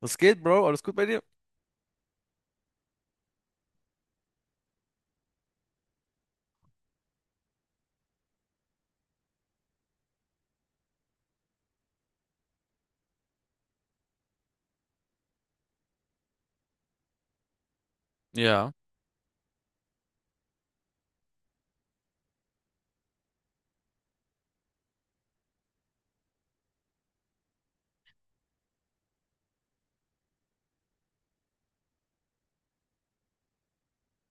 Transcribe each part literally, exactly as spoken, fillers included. Was geht, Bro? Alles gut bei dir? Ja.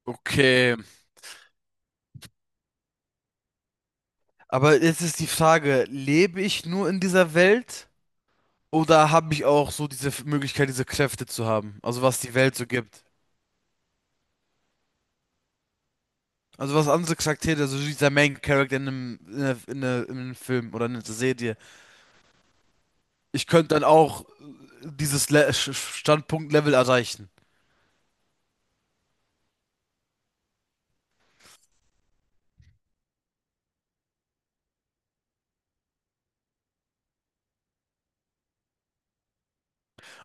Okay. Aber jetzt ist die Frage, lebe ich nur in dieser Welt oder habe ich auch so diese F- Möglichkeit, diese Kräfte zu haben? Also was die Welt so gibt. Also was andere Charaktere, also dieser Main Character in einem, in einer- in einer- in einem Film oder in einer Serie. Ich könnte dann auch dieses Le Sch- Standpunkt-Level erreichen.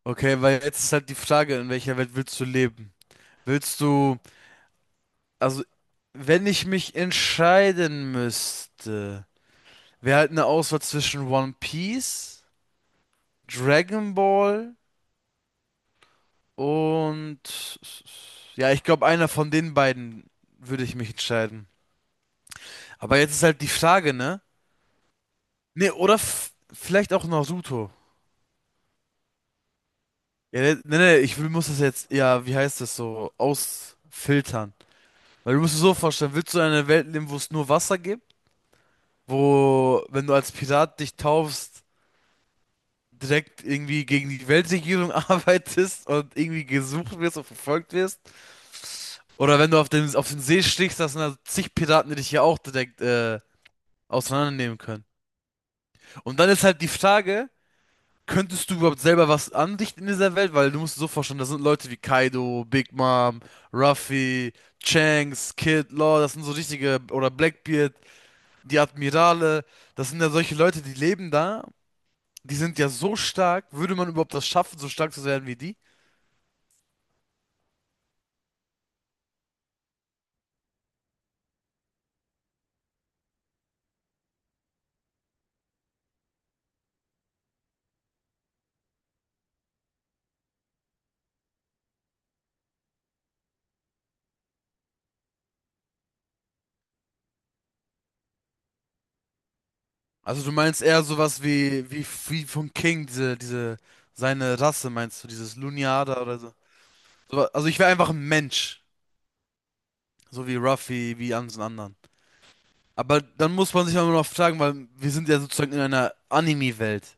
Okay, weil jetzt ist halt die Frage, in welcher Welt willst du leben? Willst du, also wenn ich mich entscheiden müsste. Wäre halt eine Auswahl zwischen One Piece, Dragon Ball und ja, ich glaube, einer von den beiden würde ich mich entscheiden. Aber jetzt ist halt die Frage, ne? Ne, oder f- vielleicht auch Naruto. Ja, ne, ne, ne, ich will, muss das jetzt, ja, wie heißt das so, ausfiltern. Weil du musst dir so vorstellen, willst du in einer Welt leben, wo es nur Wasser gibt? Wo, wenn du als Pirat dich taufst, direkt irgendwie gegen die Weltregierung arbeitest und irgendwie gesucht wirst und verfolgt wirst? Oder wenn du auf den, auf den See stichst, das sind da zig Piraten, die dich hier auch direkt äh, auseinandernehmen können. Und dann ist halt die Frage, könntest du überhaupt selber was anrichten in dieser Welt? Weil du musst dir so vorstellen, das sind Leute wie Kaido, Big Mom, Ruffy, Shanks, Kid, Law, das sind so richtige, oder Blackbeard, die Admirale, das sind ja solche Leute, die leben da, die sind ja so stark, würde man überhaupt das schaffen, so stark zu werden wie die? Also du meinst eher sowas wie, wie, wie von King, diese, diese, seine Rasse, meinst du, dieses Luniada oder so. So also ich wäre einfach ein Mensch, so wie Ruffy, wie alle anderen. Aber dann muss man sich auch immer noch fragen, weil wir sind ja sozusagen in einer Anime-Welt.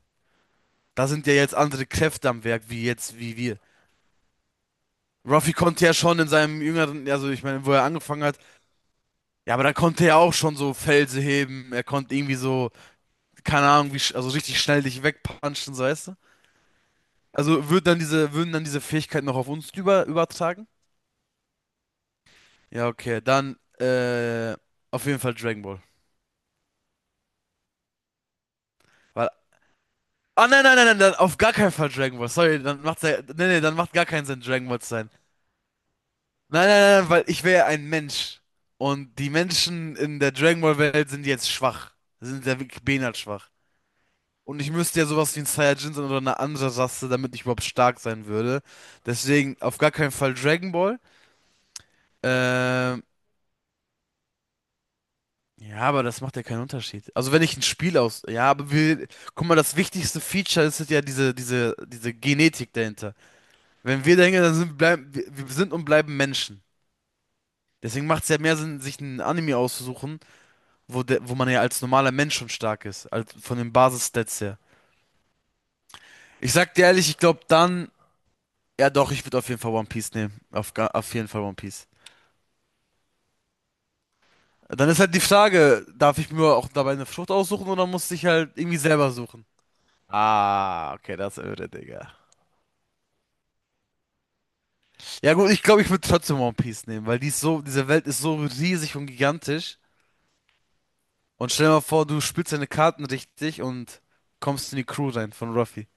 Da sind ja jetzt andere Kräfte am Werk, wie jetzt, wie wir. Ruffy konnte ja schon in seinem jüngeren, also ich meine, wo er angefangen hat, ja, aber da konnte er auch schon so Felsen heben, er konnte irgendwie so, keine Ahnung, wie, sch- also richtig schnell dich wegpunchen, so weißt du? Also würden dann diese, würden dann diese Fähigkeiten noch auf uns über, übertragen? Ja, okay, dann äh, auf jeden Fall Dragon Ball. Weil, ah, nein, nein, nein, nein, dann auf gar keinen Fall Dragon Ball. Sorry, dann macht's ja, nee, nee, dann macht gar keinen Sinn, Dragon Ball zu sein. Nein, nein, nein, nein, weil ich wäre ja ein Mensch. Und die Menschen in der Dragon Ball Welt sind jetzt schwach. Sind ja wirklich behindert schwach. Und ich müsste ja sowas wie ein Saiyajin sein oder eine andere Rasse, damit ich überhaupt stark sein würde. Deswegen auf gar keinen Fall Dragon Ball. Ähm, Ja, aber das macht ja keinen Unterschied. Also wenn ich ein Spiel aus... Ja, aber wir... Guck mal, das wichtigste Feature ist ja diese, diese, diese Genetik dahinter. Wenn wir denken, dann sind, bleiben, wir wir sind und bleiben Menschen. Deswegen macht es ja mehr Sinn, sich ein Anime auszusuchen, wo, der, wo man ja als normaler Mensch schon stark ist. Als, von den Basis-Stats her. Ich sag dir ehrlich, ich glaube dann... Ja doch, ich würde auf jeden Fall One Piece nehmen. Auf, ga- auf jeden Fall One Piece. Dann ist halt die Frage, darf ich mir auch dabei eine Frucht aussuchen oder muss ich halt irgendwie selber suchen? Ah, okay, das irre, Digga. Ja gut, ich glaube, ich würde trotzdem One Piece nehmen, weil die ist so, diese Welt ist so riesig und gigantisch. Und stell dir mal vor, du spielst deine Karten richtig und kommst in die Crew rein von Ruffy.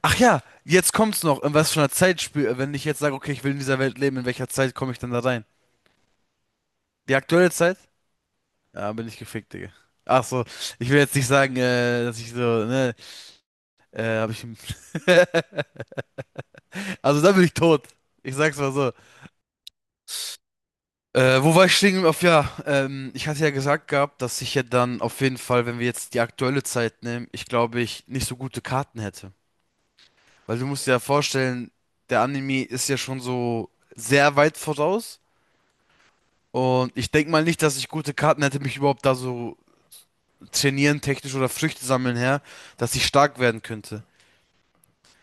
Ach ja, jetzt kommt's noch. In was für einer Zeit spiel, wenn ich jetzt sage, okay, ich will in dieser Welt leben, in welcher Zeit komme ich dann da rein? Die aktuelle Zeit? Ja, bin ich gefickt, Digga. Ach so, ich will jetzt nicht sagen, äh, dass ich so, ne, äh, hab ich. Also da bin ich tot. Ich sag's mal so. Äh, wo war ich stehen? Auf ja, ähm, ich hatte ja gesagt gehabt, dass ich ja dann auf jeden Fall, wenn wir jetzt die aktuelle Zeit nehmen, ich glaube, ich nicht so gute Karten hätte. Weil du musst dir ja vorstellen, der Anime ist ja schon so sehr weit voraus. Und ich denke mal nicht, dass ich gute Karten hätte, mich überhaupt da so trainieren, technisch oder Früchte sammeln her, dass ich stark werden könnte.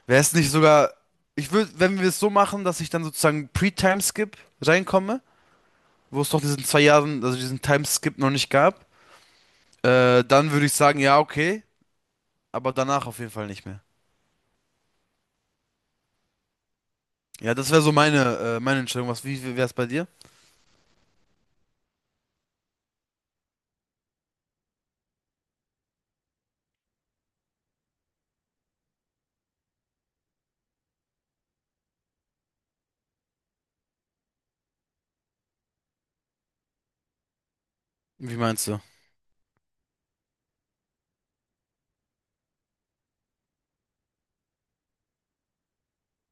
Wäre es nicht sogar, ich würde, wenn wir es so machen, dass ich dann sozusagen Pre-Time-Skip reinkomme, wo es doch diesen zwei Jahren, also diesen Time-Skip noch nicht gab. Äh, dann würde ich sagen, ja, okay, aber danach auf jeden Fall nicht mehr. Ja, das wäre so meine, äh, meine Entscheidung. Was, wie wäre es bei dir? Wie meinst du?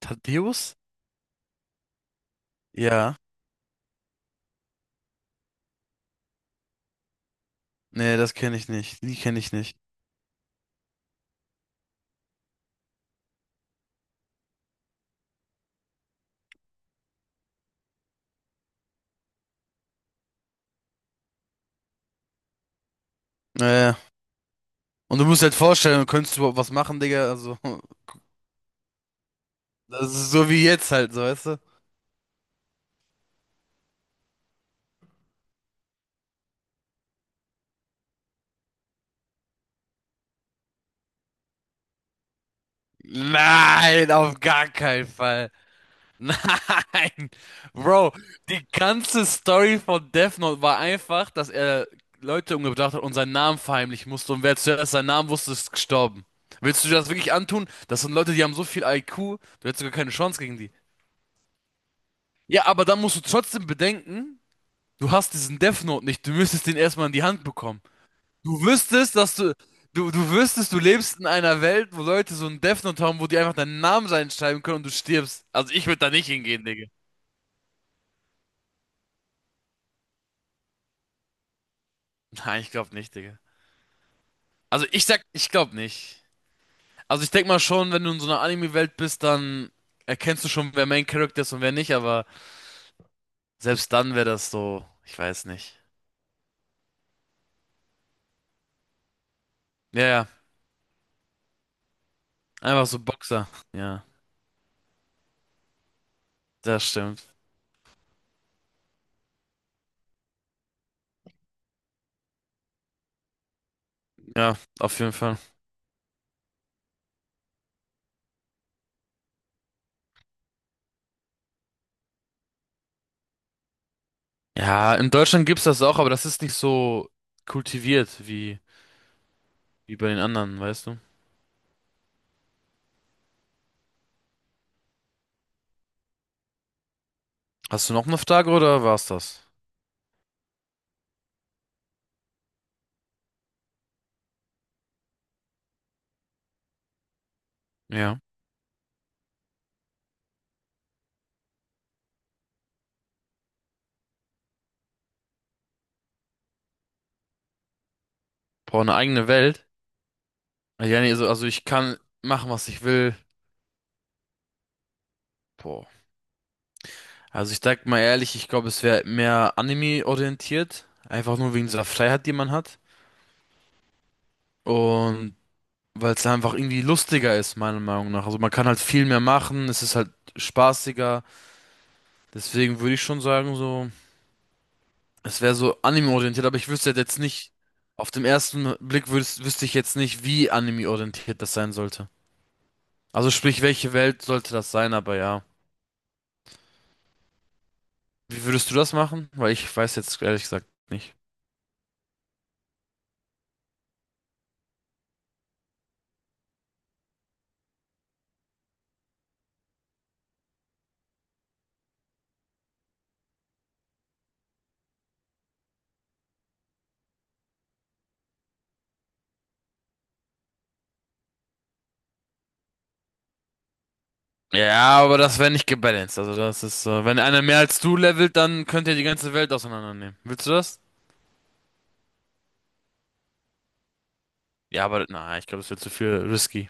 Thaddeus? Ja. Nee, das kenne ich nicht. Die kenne ich nicht. Naja. Und du musst halt vorstellen, könntest du überhaupt was machen, Digga? Also, das ist so wie jetzt halt, so, weißt du? Nein, auf gar keinen Fall. Nein, Bro, die ganze Story von Death Note war einfach, dass er Leute umgebracht hat und seinen Namen verheimlichen musste und wer zuerst seinen Namen wusste, ist gestorben. Willst du dir das wirklich antun? Das sind Leute, die haben so viel I Q, du hättest sogar keine Chance gegen die. Ja, aber dann musst du trotzdem bedenken, du hast diesen Death Note nicht, du müsstest den erstmal in die Hand bekommen. Du wüsstest, dass du, du, du wüsstest, du lebst in einer Welt, wo Leute so einen Death Note haben, wo die einfach deinen Namen reinschreiben können und du stirbst. Also ich würde da nicht hingehen, Digga. Nein, ich glaube nicht, Digga. Also ich sag, ich glaube nicht. Also ich denk mal schon, wenn du in so einer Anime-Welt bist, dann erkennst du schon, wer Main Character ist und wer nicht, aber selbst dann wäre das so, ich weiß nicht. Ja, ja, einfach so Boxer. Ja, das stimmt. Ja, auf jeden Fall. Ja, in Deutschland gibt's das auch, aber das ist nicht so kultiviert wie, wie bei den anderen, weißt du? Hast du noch eine Frage oder war's das? Ja. Boah, eine eigene Welt? Ja, nee, also, also ich kann machen, was ich will. Boah. Also ich sag mal ehrlich, ich glaube, es wäre mehr Anime-orientiert. Einfach nur wegen dieser Freiheit, die man hat. Und weil es einfach irgendwie lustiger ist, meiner Meinung nach. Also man kann halt viel mehr machen, es ist halt spaßiger. Deswegen würde ich schon sagen, so, es wäre so Anime-orientiert, aber ich wüsste halt jetzt nicht, auf dem ersten Blick würdest, wüsste ich jetzt nicht, wie Anime-orientiert das sein sollte. Also sprich, welche Welt sollte das sein, aber ja. Wie würdest du das machen? Weil ich weiß jetzt ehrlich gesagt nicht. Ja, aber das wäre nicht gebalanced. Also das ist, äh, wenn einer mehr als du levelt, dann könnt ihr die ganze Welt auseinandernehmen. Willst du das? Ja, aber na, ich glaube, das wird zu viel risky.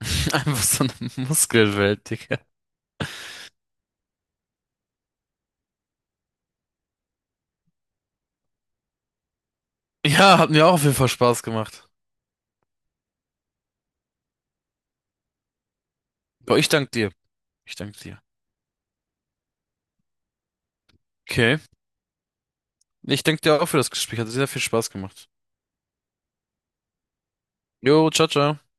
Einfach so eine Muskelwelt, Digga. Ja, hat mir auch auf jeden Fall Spaß gemacht. Boah, ich danke dir. Ich danke dir. Okay. Ich danke dir auch für das Gespräch. Hat sehr viel Spaß gemacht. Jo, ciao, ciao.